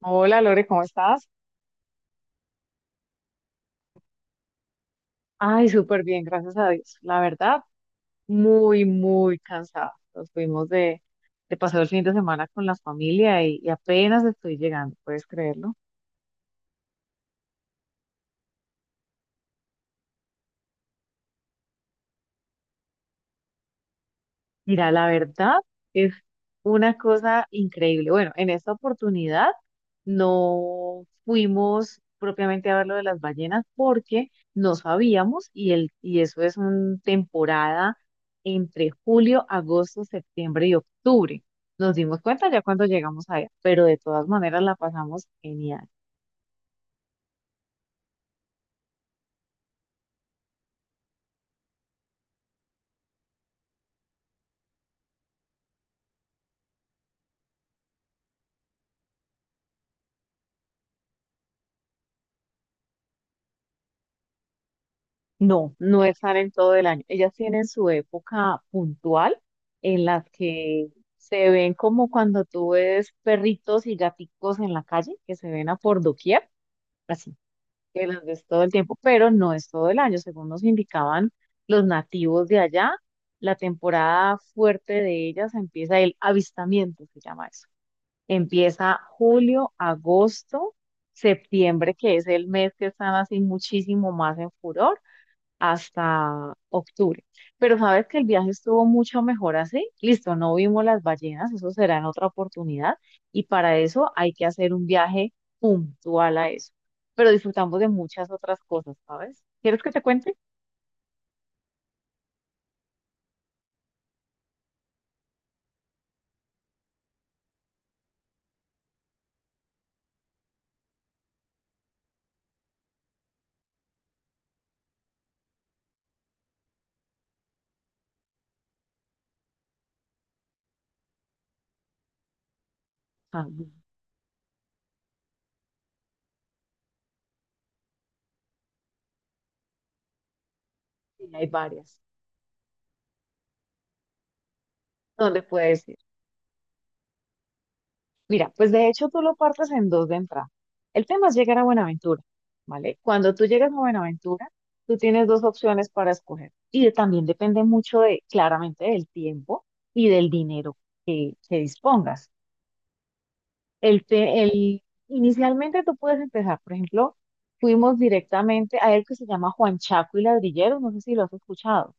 Hola Lore, ¿cómo estás? Ay, súper bien, gracias a Dios. La verdad, muy, muy cansada. Nos fuimos de paseo el fin de semana con la familia y apenas estoy llegando, ¿puedes creerlo? Mira, la verdad es una cosa increíble. Bueno, en esta oportunidad no fuimos propiamente a ver lo de las ballenas porque no sabíamos y eso es una temporada entre julio, agosto, septiembre y octubre. Nos dimos cuenta ya cuando llegamos allá, pero de todas maneras la pasamos genial. No, no están en todo el año. Ellas tienen su época puntual en la que se ven como cuando tú ves perritos y gaticos en la calle, que se ven a por doquier, así, que las ves todo el tiempo, pero no es todo el año. Según nos indicaban los nativos de allá, la temporada fuerte de ellas empieza el avistamiento, se llama eso. Empieza julio, agosto, septiembre, que es el mes que están así muchísimo más en furor hasta octubre. Pero sabes que el viaje estuvo mucho mejor así. Listo, no vimos las ballenas, eso será en otra oportunidad. Y para eso hay que hacer un viaje puntual a eso. Pero disfrutamos de muchas otras cosas, ¿sabes? ¿Quieres que te cuente? Ah, bueno, sí, hay varias. ¿Dónde puedes ir? Mira, pues de hecho tú lo partes en dos de entrada. El tema es llegar a Buenaventura, ¿vale? Cuando tú llegas a Buenaventura, tú tienes dos opciones para escoger. Y también depende mucho de, claramente, del tiempo y del dinero que dispongas. El te- el, Inicialmente tú puedes empezar, por ejemplo, fuimos directamente a el que se llama Juan Chaco y Ladrilleros, no sé si lo has escuchado.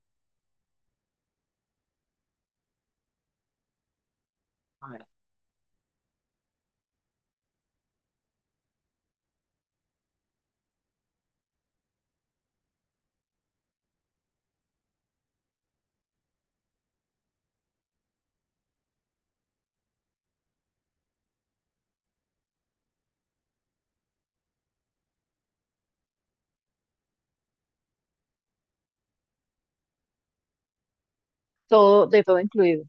A ver. Todo, de todo incluido.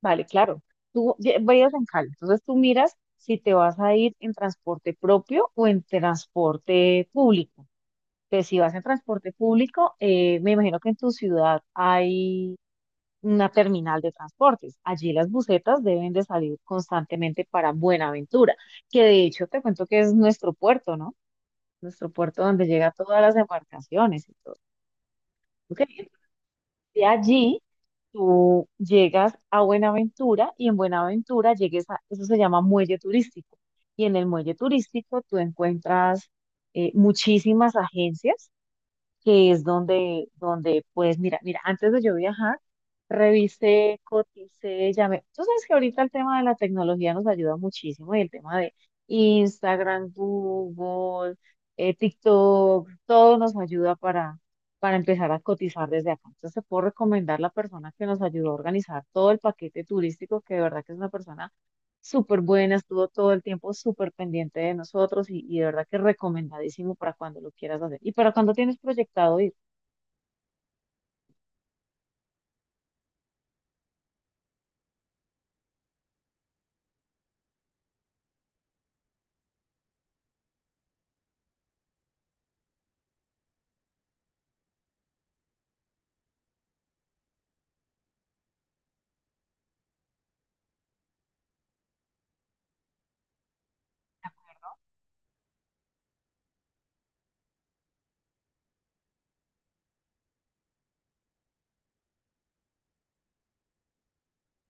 Vale, claro. Veías en Cali, entonces tú miras si te vas a ir en transporte propio o en transporte público. Entonces, si vas en transporte público, me imagino que en tu ciudad hay una terminal de transportes. Allí las busetas deben de salir constantemente para Buenaventura, que de hecho te cuento que es nuestro puerto, ¿no? Nuestro puerto donde llega todas las embarcaciones y todo. Ok, de allí tú llegas a Buenaventura y en Buenaventura llegues a, eso se llama muelle turístico. Y en el muelle turístico tú encuentras muchísimas agencias que es donde, pues, mira, antes de yo viajar, revisé, coticé, llamé. Tú sabes que ahorita el tema de la tecnología nos ayuda muchísimo y el tema de Instagram, Google, TikTok, todo nos ayuda para empezar a cotizar desde acá. Entonces, te puedo recomendar la persona que nos ayudó a organizar todo el paquete turístico, que de verdad que es una persona súper buena, estuvo todo el tiempo súper pendiente de nosotros y de verdad que recomendadísimo para cuando lo quieras hacer y para cuando tienes proyectado ir.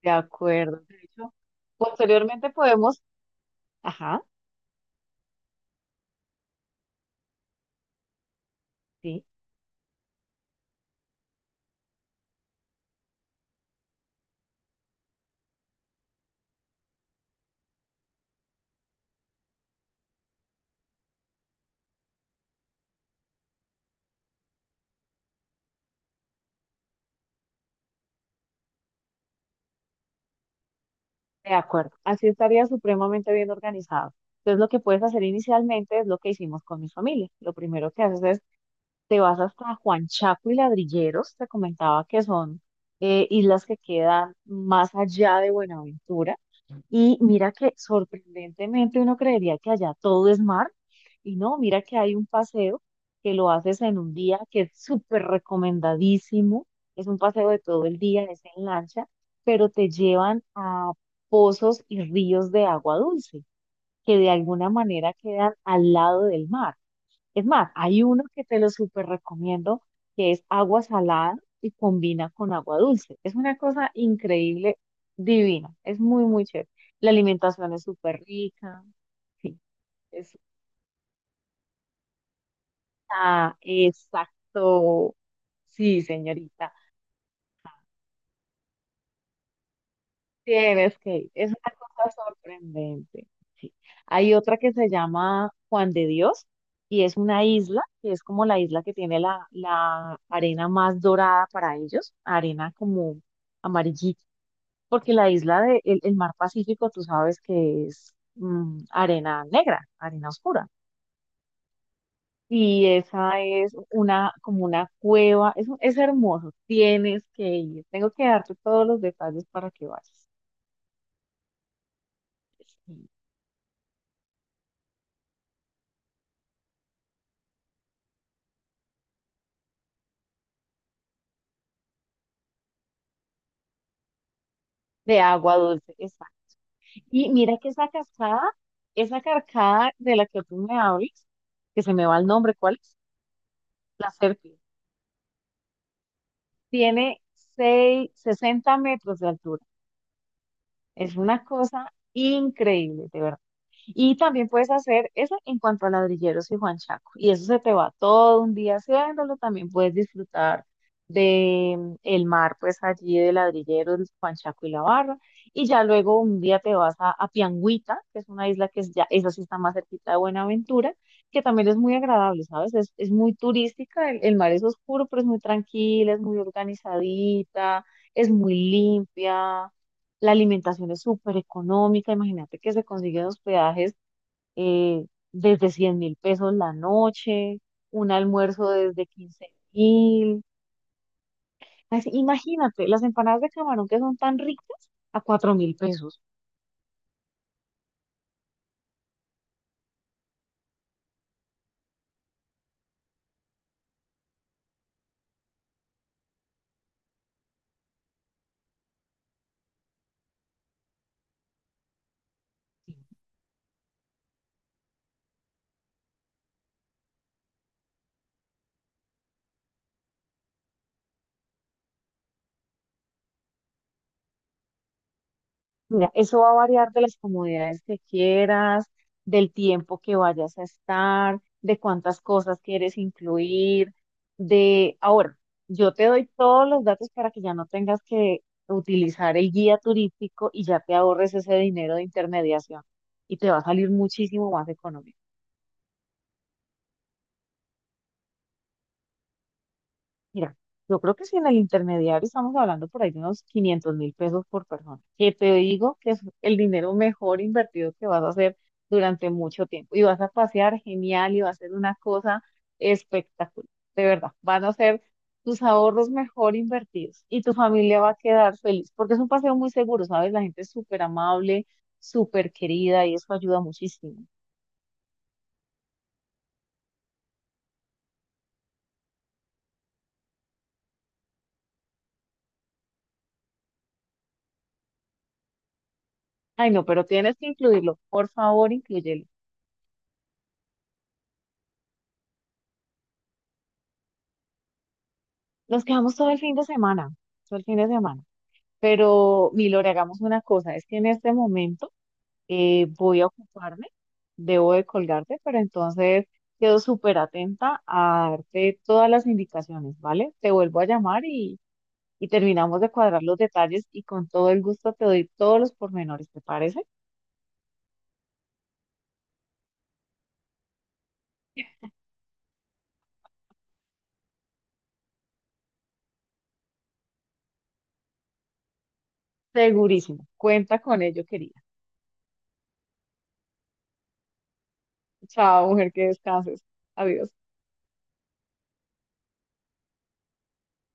De acuerdo. De hecho, posteriormente podemos, ajá, sí, de acuerdo. Así estaría supremamente bien organizado. Entonces, lo que puedes hacer inicialmente es lo que hicimos con mi familia. Lo primero que haces es, te vas hasta Juan Chaco y Ladrilleros, te comentaba que son islas que quedan más allá de Buenaventura. Y mira que sorprendentemente uno creería que allá todo es mar, y no, mira que hay un paseo que lo haces en un día que es súper recomendadísimo, es un paseo de todo el día, es en lancha, pero te llevan a pozos y ríos de agua dulce, que de alguna manera quedan al lado del mar. Es más, hay uno que te lo súper recomiendo, que es agua salada y combina con agua dulce. Es una cosa increíble, divina. Es muy, muy chévere. La alimentación es súper rica. Sí, es, ah, exacto. Sí, señorita. Tienes que ir. Es una cosa sorprendente. Sí. Hay otra que se llama Juan de Dios y es una isla, que es como la isla que tiene la arena más dorada para ellos, arena como amarillita, porque la isla del el mar Pacífico, tú sabes que es mm, arena negra, arena oscura. Y esa es una, como una cueva, es hermoso, tienes que ir. Tengo que darte todos los detalles para que vayas. Sí, de agua dulce, exacto. Y mira que esa cascada, esa carcada de la que tú me hablas, que se me va el nombre, ¿cuál es? La Serpi. Tiene seis, 60 metros de altura. Es una cosa increíble, de verdad. Y también puedes hacer eso en cuanto a Ladrilleros y Juan Chaco. Y eso se te va todo un día haciéndolo. También puedes disfrutar de mm, el mar, pues allí de Ladrilleros, Juan Chaco y la barra. Y ya luego un día te vas a Piangüita, que es una isla que es ya, esa sí está más cerquita de Buenaventura, que también es muy agradable, ¿sabes? Es muy turística, el mar es oscuro, pero es muy tranquila, es muy organizadita, es muy limpia. La alimentación es súper económica, imagínate que se consiguen hospedajes eh, desde $100.000 la noche, un almuerzo desde 15.000. Imagínate, las empanadas de camarón que son tan ricas a $4.000. Mira, eso va a variar de las comodidades que quieras, del tiempo que vayas a estar, de cuántas cosas quieres incluir, de... Ahora, yo te doy todos los datos para que ya no tengas que utilizar el guía turístico y ya te ahorres ese dinero de intermediación y te va a salir muchísimo más económico. Mira, yo creo que si en el intermediario estamos hablando por ahí de unos $500.000 por persona, que te digo que es el dinero mejor invertido que vas a hacer durante mucho tiempo. Y vas a pasear genial y va a ser una cosa espectacular. De verdad, van a ser tus ahorros mejor invertidos y tu familia va a quedar feliz porque es un paseo muy seguro, ¿sabes? La gente es súper amable, súper querida y eso ayuda muchísimo. Ay, no, pero tienes que incluirlo. Por favor, inclúyelo. Nos quedamos todo el fin de semana. Todo el fin de semana. Pero, Milore, hagamos una cosa, es que en este momento voy a ocuparme, debo de colgarte, pero entonces quedo súper atenta a darte todas las indicaciones, ¿vale? Te vuelvo a llamar y terminamos de cuadrar los detalles y con todo el gusto te doy todos los pormenores, ¿te parece? Segurísimo, cuenta con ello, querida. Chao, mujer, que descanses. Adiós.